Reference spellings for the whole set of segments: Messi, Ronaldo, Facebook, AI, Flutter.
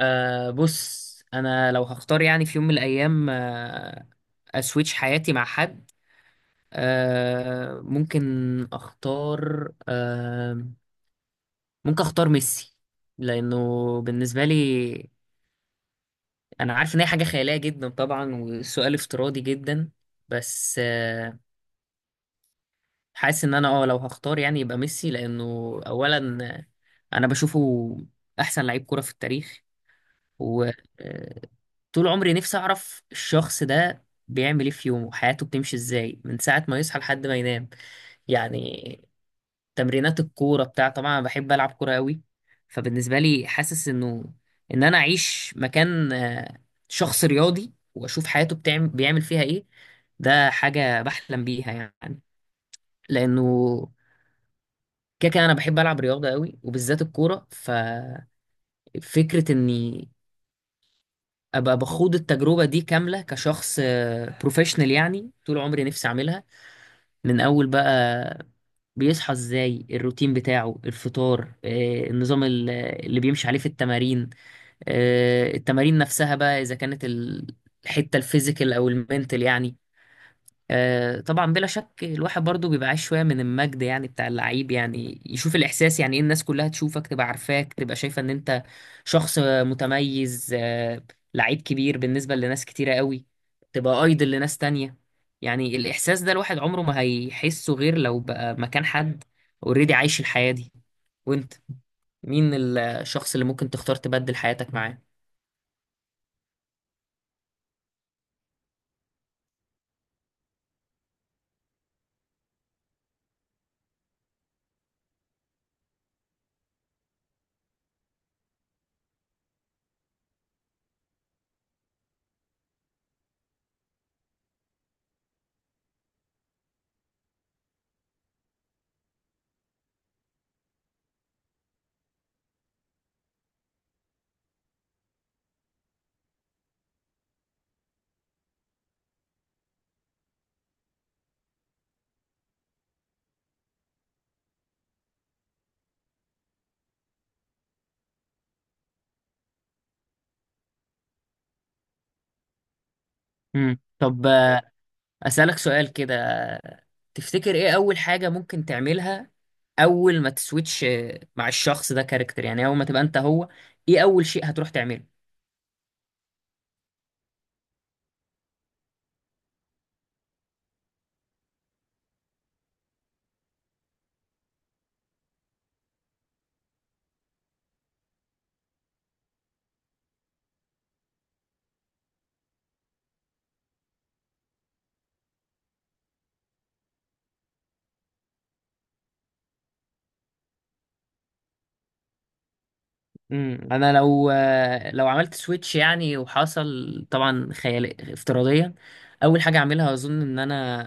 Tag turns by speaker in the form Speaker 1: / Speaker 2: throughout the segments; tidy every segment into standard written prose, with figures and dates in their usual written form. Speaker 1: بص، انا لو هختار في يوم من الايام اسويتش حياتي مع حد. ممكن اختار، ممكن اختار ميسي، لانه بالنسبه لي انا عارف ان هي حاجه خياليه جدا طبعا وسؤال افتراضي جدا. بس حاسس ان انا لو هختار يبقى ميسي، لانه اولا انا بشوفه احسن لعيب كره في التاريخ. و آه، طول عمري نفسي اعرف الشخص ده بيعمل ايه في يومه، حياته بتمشي ازاي من ساعة ما يصحى لحد ما ينام. يعني تمرينات الكورة بتاع، طبعا انا بحب العب كورة قوي. فبالنسبة لي حاسس انه ان انا اعيش مكان شخص رياضي واشوف حياته بيعمل فيها ايه. ده حاجة بحلم بيها، يعني لأنه كده كده أنا بحب ألعب رياضة قوي وبالذات الكورة. ففكرة إني ابقى بخوض التجربه دي كامله كشخص بروفيشنال، طول عمري نفسي اعملها. من اول بقى بيصحى ازاي، الروتين بتاعه، الفطار، النظام اللي بيمشي عليه في التمارين، التمارين نفسها بقى، اذا كانت الحته الفيزيكال او المنتال. طبعا بلا شك الواحد برضو بيبقى عايز شويه من المجد، بتاع اللعيب، يشوف الاحساس ايه، الناس كلها تشوفك، تبقى عارفاك، تبقى شايفه ان انت شخص متميز، لعيب كبير بالنسبه لناس كتيره قوي، تبقى ايدل لناس تانية. الاحساس ده الواحد عمره ما هيحسه غير لو بقى مكان حد اوريدي عايش الحياه دي. وانت، مين الشخص اللي ممكن تختار تبدل حياتك معاه؟ طب أسألك سؤال كده، تفتكر ايه أول حاجة ممكن تعملها أول ما تسويتش مع الشخص ده؟ كاركتر، أول ما تبقى أنت هو، ايه أول شيء هتروح تعمله؟ انا لو عملت سويتش، وحصل طبعا خيال افتراضيا، اول حاجه اعملها اظن ان انا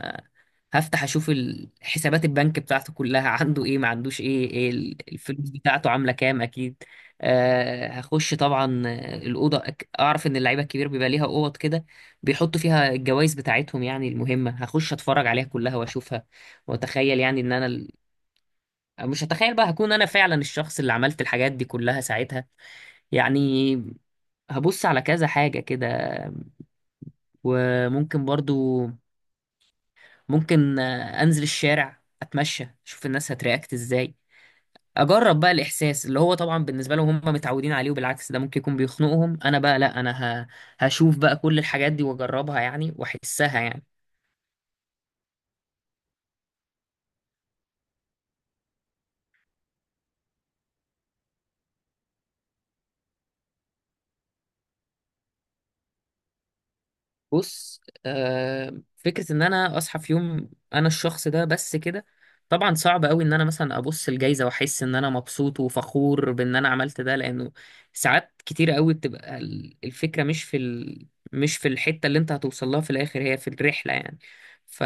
Speaker 1: هفتح اشوف حسابات البنك بتاعته كلها عنده ايه ما عندوش ايه، إيه الفلوس بتاعته عامله كام، اكيد. أه هخش طبعا الاوضه اعرف ان اللعيبه الكبير بيبقى ليها اوض كده بيحطوا فيها الجوائز بتاعتهم، يعني المهمه هخش اتفرج عليها كلها واشوفها واتخيل ان انا مش هتخيل بقى، هكون انا فعلا الشخص اللي عملت الحاجات دي كلها ساعتها. يعني هبص على كذا حاجة كده. وممكن برضو، ممكن أنزل الشارع، أتمشى، أشوف الناس هترياكت إزاي، أجرب بقى الإحساس اللي هو طبعا بالنسبة لهم هم متعودين عليه وبالعكس ده ممكن يكون بيخنقهم، أنا بقى لأ، أنا هشوف بقى كل الحاجات دي وأجربها وأحسها يعني. بص، فكرة ان انا اصحى في يوم انا الشخص ده بس كده، طبعا صعب قوي ان انا مثلا ابص الجايزة واحس ان انا مبسوط وفخور بان انا عملت ده، لانه ساعات كتير قوي بتبقى الفكرة مش في الحتة اللي انت هتوصل لها في الاخر، هي في الرحلة. يعني ف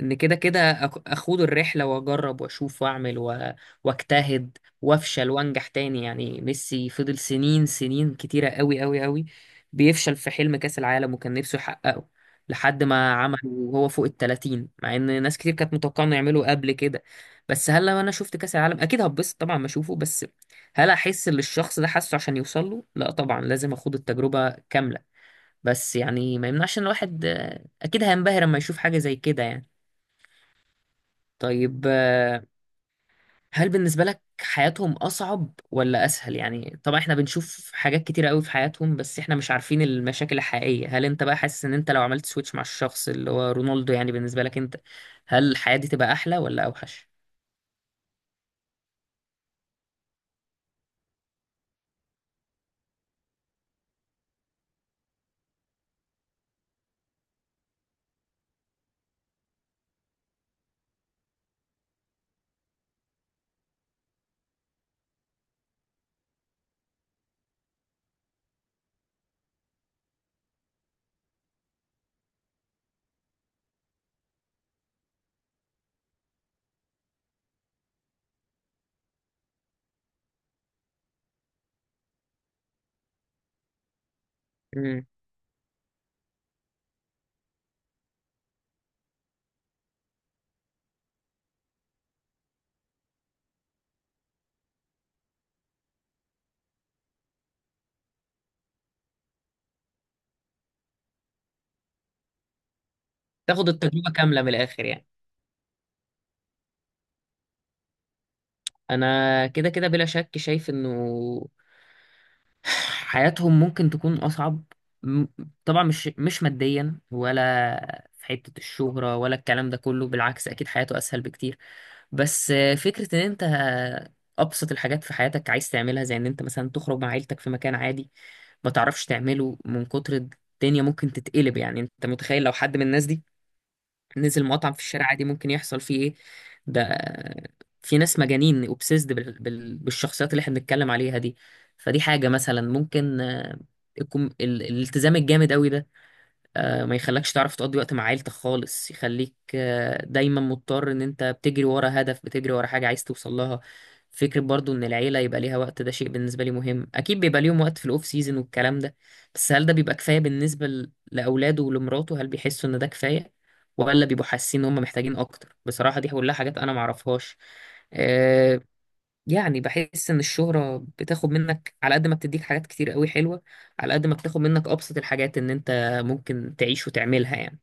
Speaker 1: ان كده كده اخوض الرحلة واجرب واشوف واعمل واجتهد وافشل وانجح تاني. يعني ميسي فضل سنين كتيرة قوي بيفشل في حلم كأس العالم وكان نفسه يحققه لحد ما عمل، وهو فوق ال 30، مع ان ناس كتير كانت متوقعه انه يعمله قبل كده. بس هل لما انا شفت كأس العالم اكيد هتبسط طبعا ما اشوفه، بس هل احس اللي الشخص ده حاسه عشان يوصل له؟ لا طبعا، لازم اخوض التجربة كاملة. بس ما يمنعش ان الواحد اكيد هينبهر لما يشوف حاجة زي كده يعني. طيب، هل بالنسبة لك حياتهم أصعب ولا أسهل؟ يعني طبعا إحنا بنشوف حاجات كتيرة قوي في حياتهم، بس إحنا مش عارفين المشاكل الحقيقية. هل أنت بقى حاسس إن أنت لو عملت سويتش مع الشخص اللي هو رونالدو، يعني بالنسبة لك أنت هل الحياة دي تبقى أحلى ولا أوحش؟ مم. تاخد التجربة كاملة من الآخر يعني. أنا كده كده بلا شك شايف إنه حياتهم ممكن تكون أصعب. م- طبعا مش ماديا ولا في حتة الشهرة ولا الكلام ده كله، بالعكس أكيد حياته أسهل بكتير. بس فكرة إن أنت أبسط الحاجات في حياتك عايز تعملها، زي إن أنت مثلا تخرج مع عيلتك في مكان عادي، ما تعرفش تعمله من كتر الدنيا. ممكن تتقلب، يعني أنت متخيل لو حد من الناس دي نزل مطعم في الشارع عادي ممكن يحصل فيه ايه؟ ده في ناس مجانين اوبسيسد بالشخصيات اللي احنا بنتكلم عليها دي. فدي حاجة مثلا ممكن الالتزام الجامد قوي ده، ما يخلكش تعرف تقضي وقت مع عيلتك خالص، يخليك دايما مضطر ان انت بتجري ورا هدف، بتجري ورا حاجة عايز توصل لها. فكرة برضو ان العيلة يبقى ليها وقت، ده شيء بالنسبة لي مهم. اكيد بيبقى ليهم وقت في الاوف سيزون والكلام ده، بس هل ده بيبقى كفاية بالنسبة لاولاده ولمراته؟ هل بيحسوا ان ده كفاية ولا بيبقوا حاسين ان هم محتاجين اكتر؟ بصراحة دي كلها حاجات انا معرفهاش. يعني بحس ان الشهرة بتاخد منك على قد ما بتديك حاجات كتير قوي حلوة، على قد ما بتاخد منك ابسط الحاجات ان انت ممكن تعيش وتعملها يعني.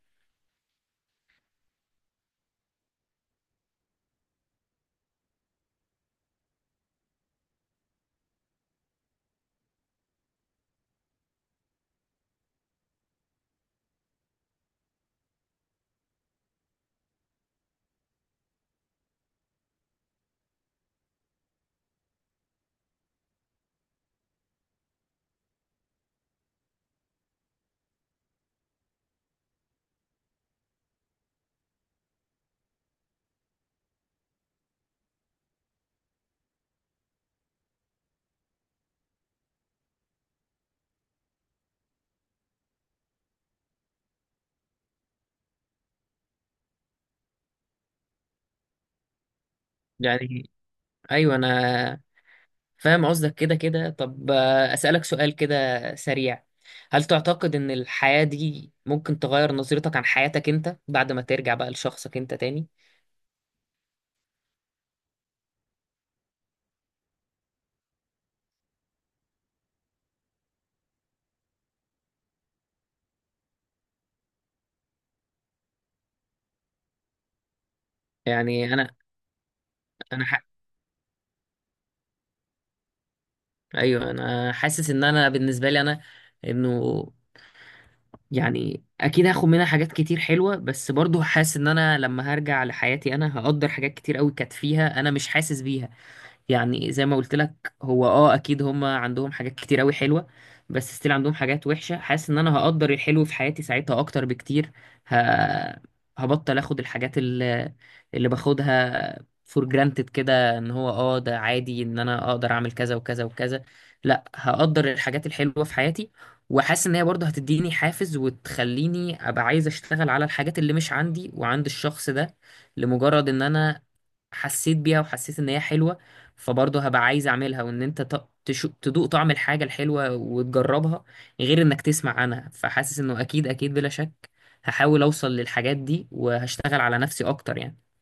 Speaker 1: يعني ايوه انا فاهم قصدك. كده كده طب، اسألك سؤال كده سريع، هل تعتقد ان الحياة دي ممكن تغير نظرتك عن حياتك انت بعد ما ترجع بقى لشخصك انت تاني؟ يعني انا انا ح... ايوه انا حاسس ان انا بالنسبة لي انا انه يعني اكيد هاخد منها حاجات كتير حلوة، بس برضو حاسس ان انا لما هرجع لحياتي انا هقدر حاجات كتير قوي كانت فيها انا مش حاسس بيها. يعني زي ما قلت لك، هو اكيد هم عندهم حاجات كتير قوي حلوه، بس ستيل عندهم حاجات وحشه. حاسس ان انا هقدر الحلو في حياتي ساعتها اكتر بكتير. ه... هبطل اخد الحاجات اللي باخدها فور جرانتد كده، ان هو ده عادي ان انا اقدر اعمل كذا وكذا وكذا. لا، هقدر الحاجات الحلوه في حياتي. وحاسس ان هي برضه هتديني حافز وتخليني ابقى عايز اشتغل على الحاجات اللي مش عندي وعند الشخص ده، لمجرد ان انا حسيت بيها وحسيت ان هي حلوه، فبرضه هبقى عايز اعملها. وان انت تدوق طعم الحاجه الحلوه وتجربها، غير انك تسمع عنها. فحاسس انه اكيد اكيد بلا شك هحاول اوصل للحاجات دي وهشتغل على نفسي اكتر يعني.